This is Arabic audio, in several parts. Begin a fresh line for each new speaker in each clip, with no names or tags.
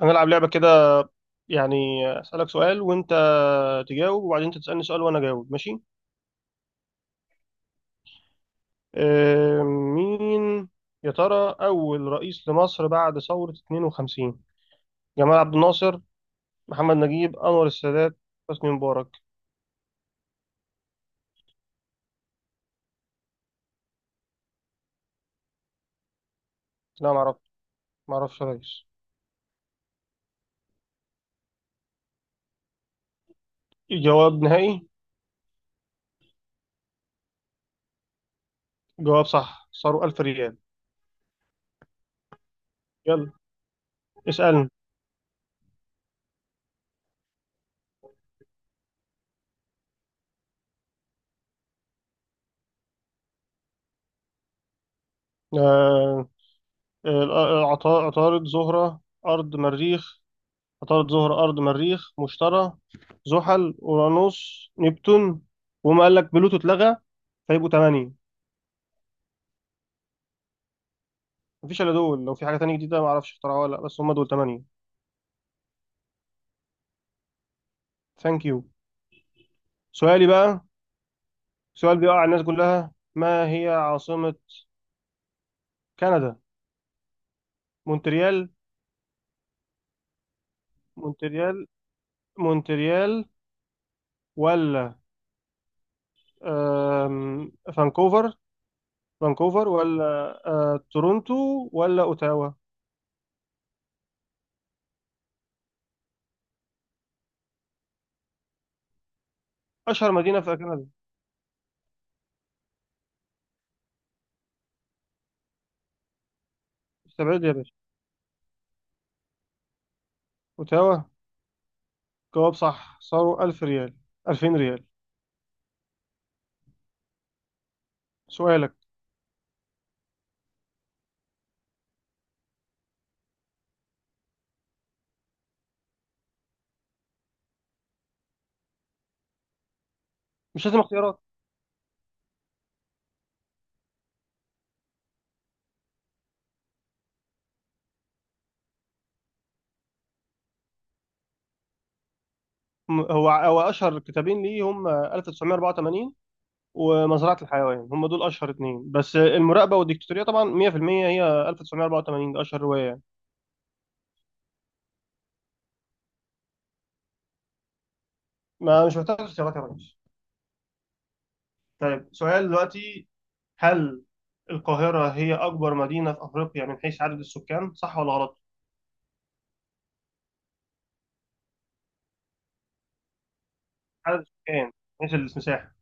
هنلعب لعبة كده، يعني أسألك سؤال وأنت تجاوب، وبعدين أنت تسألني سؤال وأنا أجاوب، ماشي؟ مين يا ترى أول رئيس لمصر بعد ثورة 52؟ جمال عبد الناصر، محمد نجيب، أنور السادات، حسني مبارك؟ لا، معرفش يا ريس. جواب نهائي. جواب صح، صاروا 1000 ريال. يلا، اسألني. آه، عطارد، زهرة، أرض، مريخ، عطارد، زهر، أرض، مريخ، مشتري، زحل، أورانوس، نبتون. وما قال لك بلوتو اتلغى. فيبقوا تمانية. مفيش إلا دول، لو في حاجة تانية جديدة معرفش اخترعوها ولا لأ، بس هم دول تمانية. ثانك يو. سؤالي بقى. سؤال بيقع على الناس كلها، ما هي عاصمة كندا؟ مونتريال مونتريال مونتريال، ولا فانكوفر، ولا تورونتو، ولا أوتاوا؟ أشهر مدينة في كندا. استبعد يا باشا. أوتاوا. جواب صح، صاروا 1000 ريال، 2000 ريال. سؤالك. مش لازم اختيارات. هو اشهر كتابين ليه هم 1984 ومزرعة الحيوان. هم دول اشهر اتنين، بس المراقبة والديكتاتورية طبعا 100%. هي 1984 ده اشهر رواية يعني. ما مش محتاج اختيارات يا ريس. طيب، سؤال دلوقتي. هل القاهرة هي أكبر مدينة في أفريقيا من حيث عدد السكان، صح ولا غلط؟ عدد السكان، من حيث المساحة.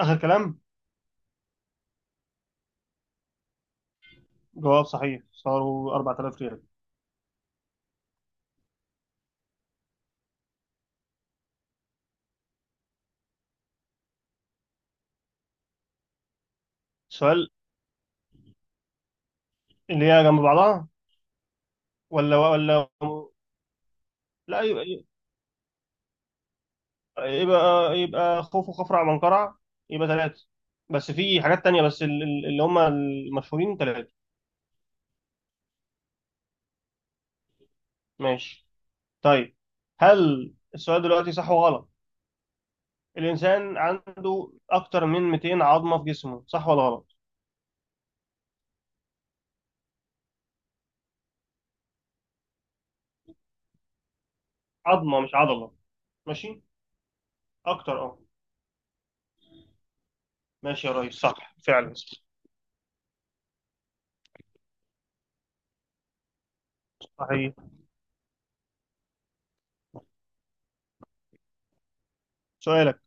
آخر كلام. جواب صحيح، صاروا 4000 ريال. السؤال، اللي هي جنب بعضها. ولا. لا، يبقى خوف وخفرع منقرع. يبقى ثلاثة. بس في حاجات تانية، بس اللي هم المشهورين ثلاثة. ماشي. طيب، هل السؤال دلوقتي صح وغلط؟ الإنسان عنده أكتر من 200 عظمة في جسمه، صح ولا غلط؟ عظمة مش عضلة. ماشي. أكتر، أه. ماشي يا ريس، صح فعلا. صحيح. سؤالك.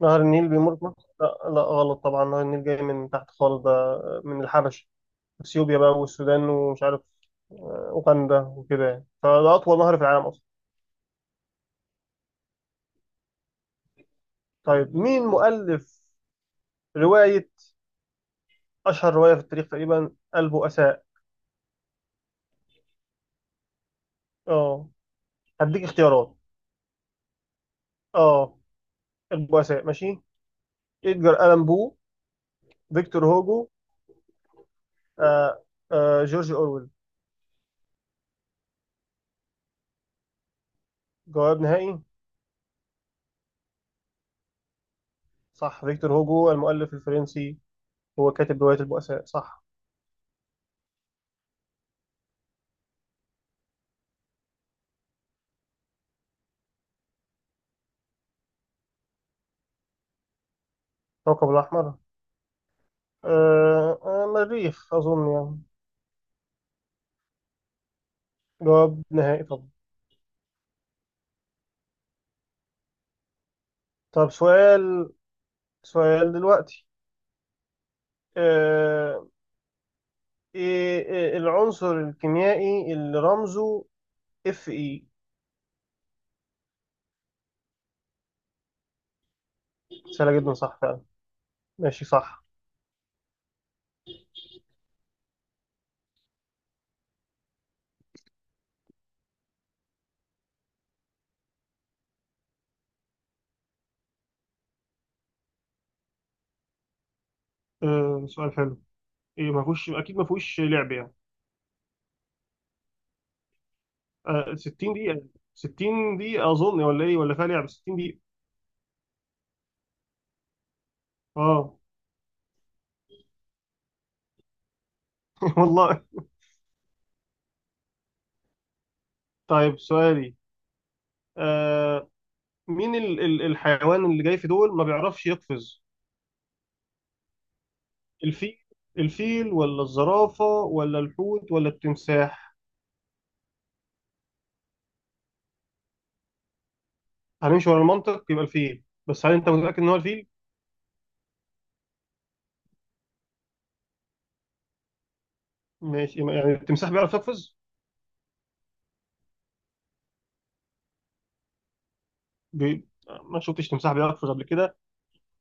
نهر النيل بيمر في مصر؟ لا. لا، غلط طبعا. نهر النيل جاي من تحت خالص ده، من الحبش، اثيوبيا بقى والسودان، ومش عارف، أوغندا وكده، يعني فده أطول نهر في العالم أصلا. طيب، مين مؤلف رواية، أشهر رواية في التاريخ تقريبا، البؤساء؟ أه، هديك اختيارات. أه، البؤساء، ماشي. إدجار ألان بو، فيكتور هوجو، آه جورج أورويل؟ جواب نهائي. صح، فيكتور هوجو المؤلف الفرنسي، هو كاتب رواية البؤساء، صح. كوكب الأحمر؟ مريخ أظن يعني. جواب نهائي طبعا. طب سؤال. سؤال دلوقتي. آه، إيه العنصر الكيميائي اللي رمزه Fe؟ سهله جدا، صح فعلا. ماشي، صح. سؤال حلو. إيه، ما فيهوش، اكيد ما فيهوش لعب يعني. 60 دقيقه. 60 دقيقه اظن، ولا ايه ولا فيها لعب، 60 دقيقه. اه. والله. طيب، سؤالي. آه مين ال ال الحيوان اللي جاي في دول ما بيعرفش يقفز. الفيل الفيل ولا الزرافه ولا الحوت ولا التمساح؟ هنمشي ورا المنطق، يبقى الفيل، بس هل انت متاكد ان هو الفيل؟ ماشي، يعني التمساح بيعرف يقفز؟ بي... ما شفتش تمساح بيقفز قبل كده.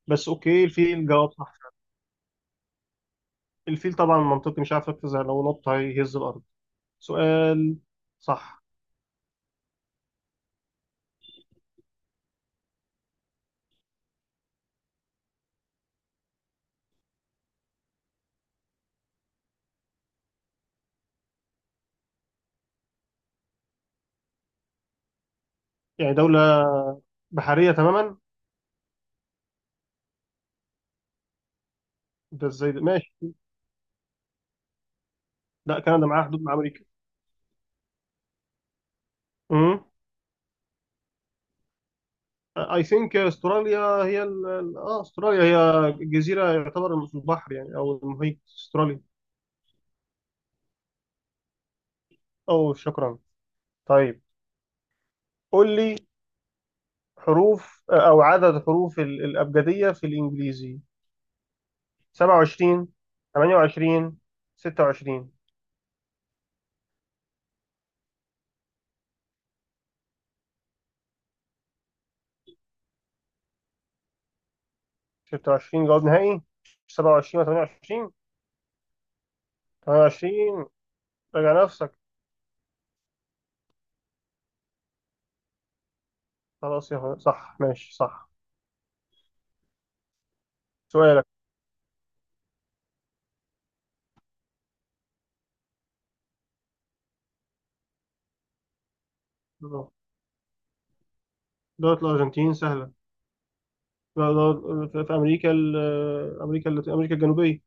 بس اوكي، الفيل جواب صح. الفيل طبعا منطقي مش عارف يقفز يعني، لو نط هيهز الارض. سؤال، صح. يعني دولة بحرية تماما؟ ده ازاي ده، ماشي. لا، كندا معاها حدود مع امريكا. امم. اي ثينك استراليا. هي استراليا هي جزيرة، يعتبر في البحر يعني او المحيط، استراليا. او، شكرا. طيب، قول لي. حروف، او عدد حروف الابجدية في الانجليزي. 27، 28، 26؟ 26 جواب نهائي. 27 ولا 28؟ 28، راجع نفسك. خلاص يا صح، ماشي صح. سؤالك. دولة الأرجنتين سهلة. لا، في أمريكا أمريكا الجنوبية.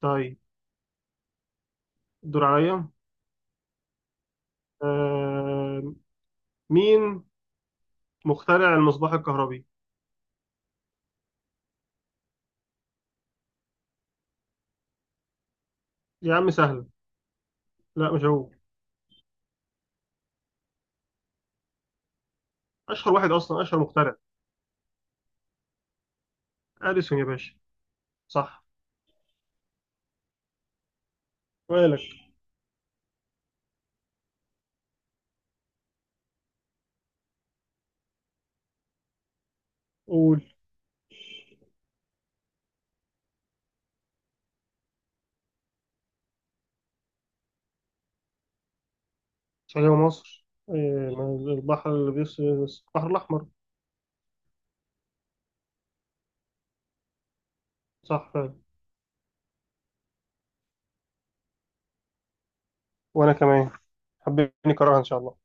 طيب، الدور عليا. آه، مين مخترع المصباح الكهربي؟ يا عم سهلة. لا، مش هو. أشهر واحد أصلا، أشهر مخترع. أديسون يا باشا. صح. سؤالك. قول. السعودية ومصر. البحر اللي بيص البحر الأحمر. صح فعلا. وأنا كمان. حبيبني كراها ان شاء الله.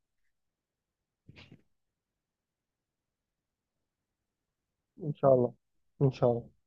ان شاء الله. ان شاء الله.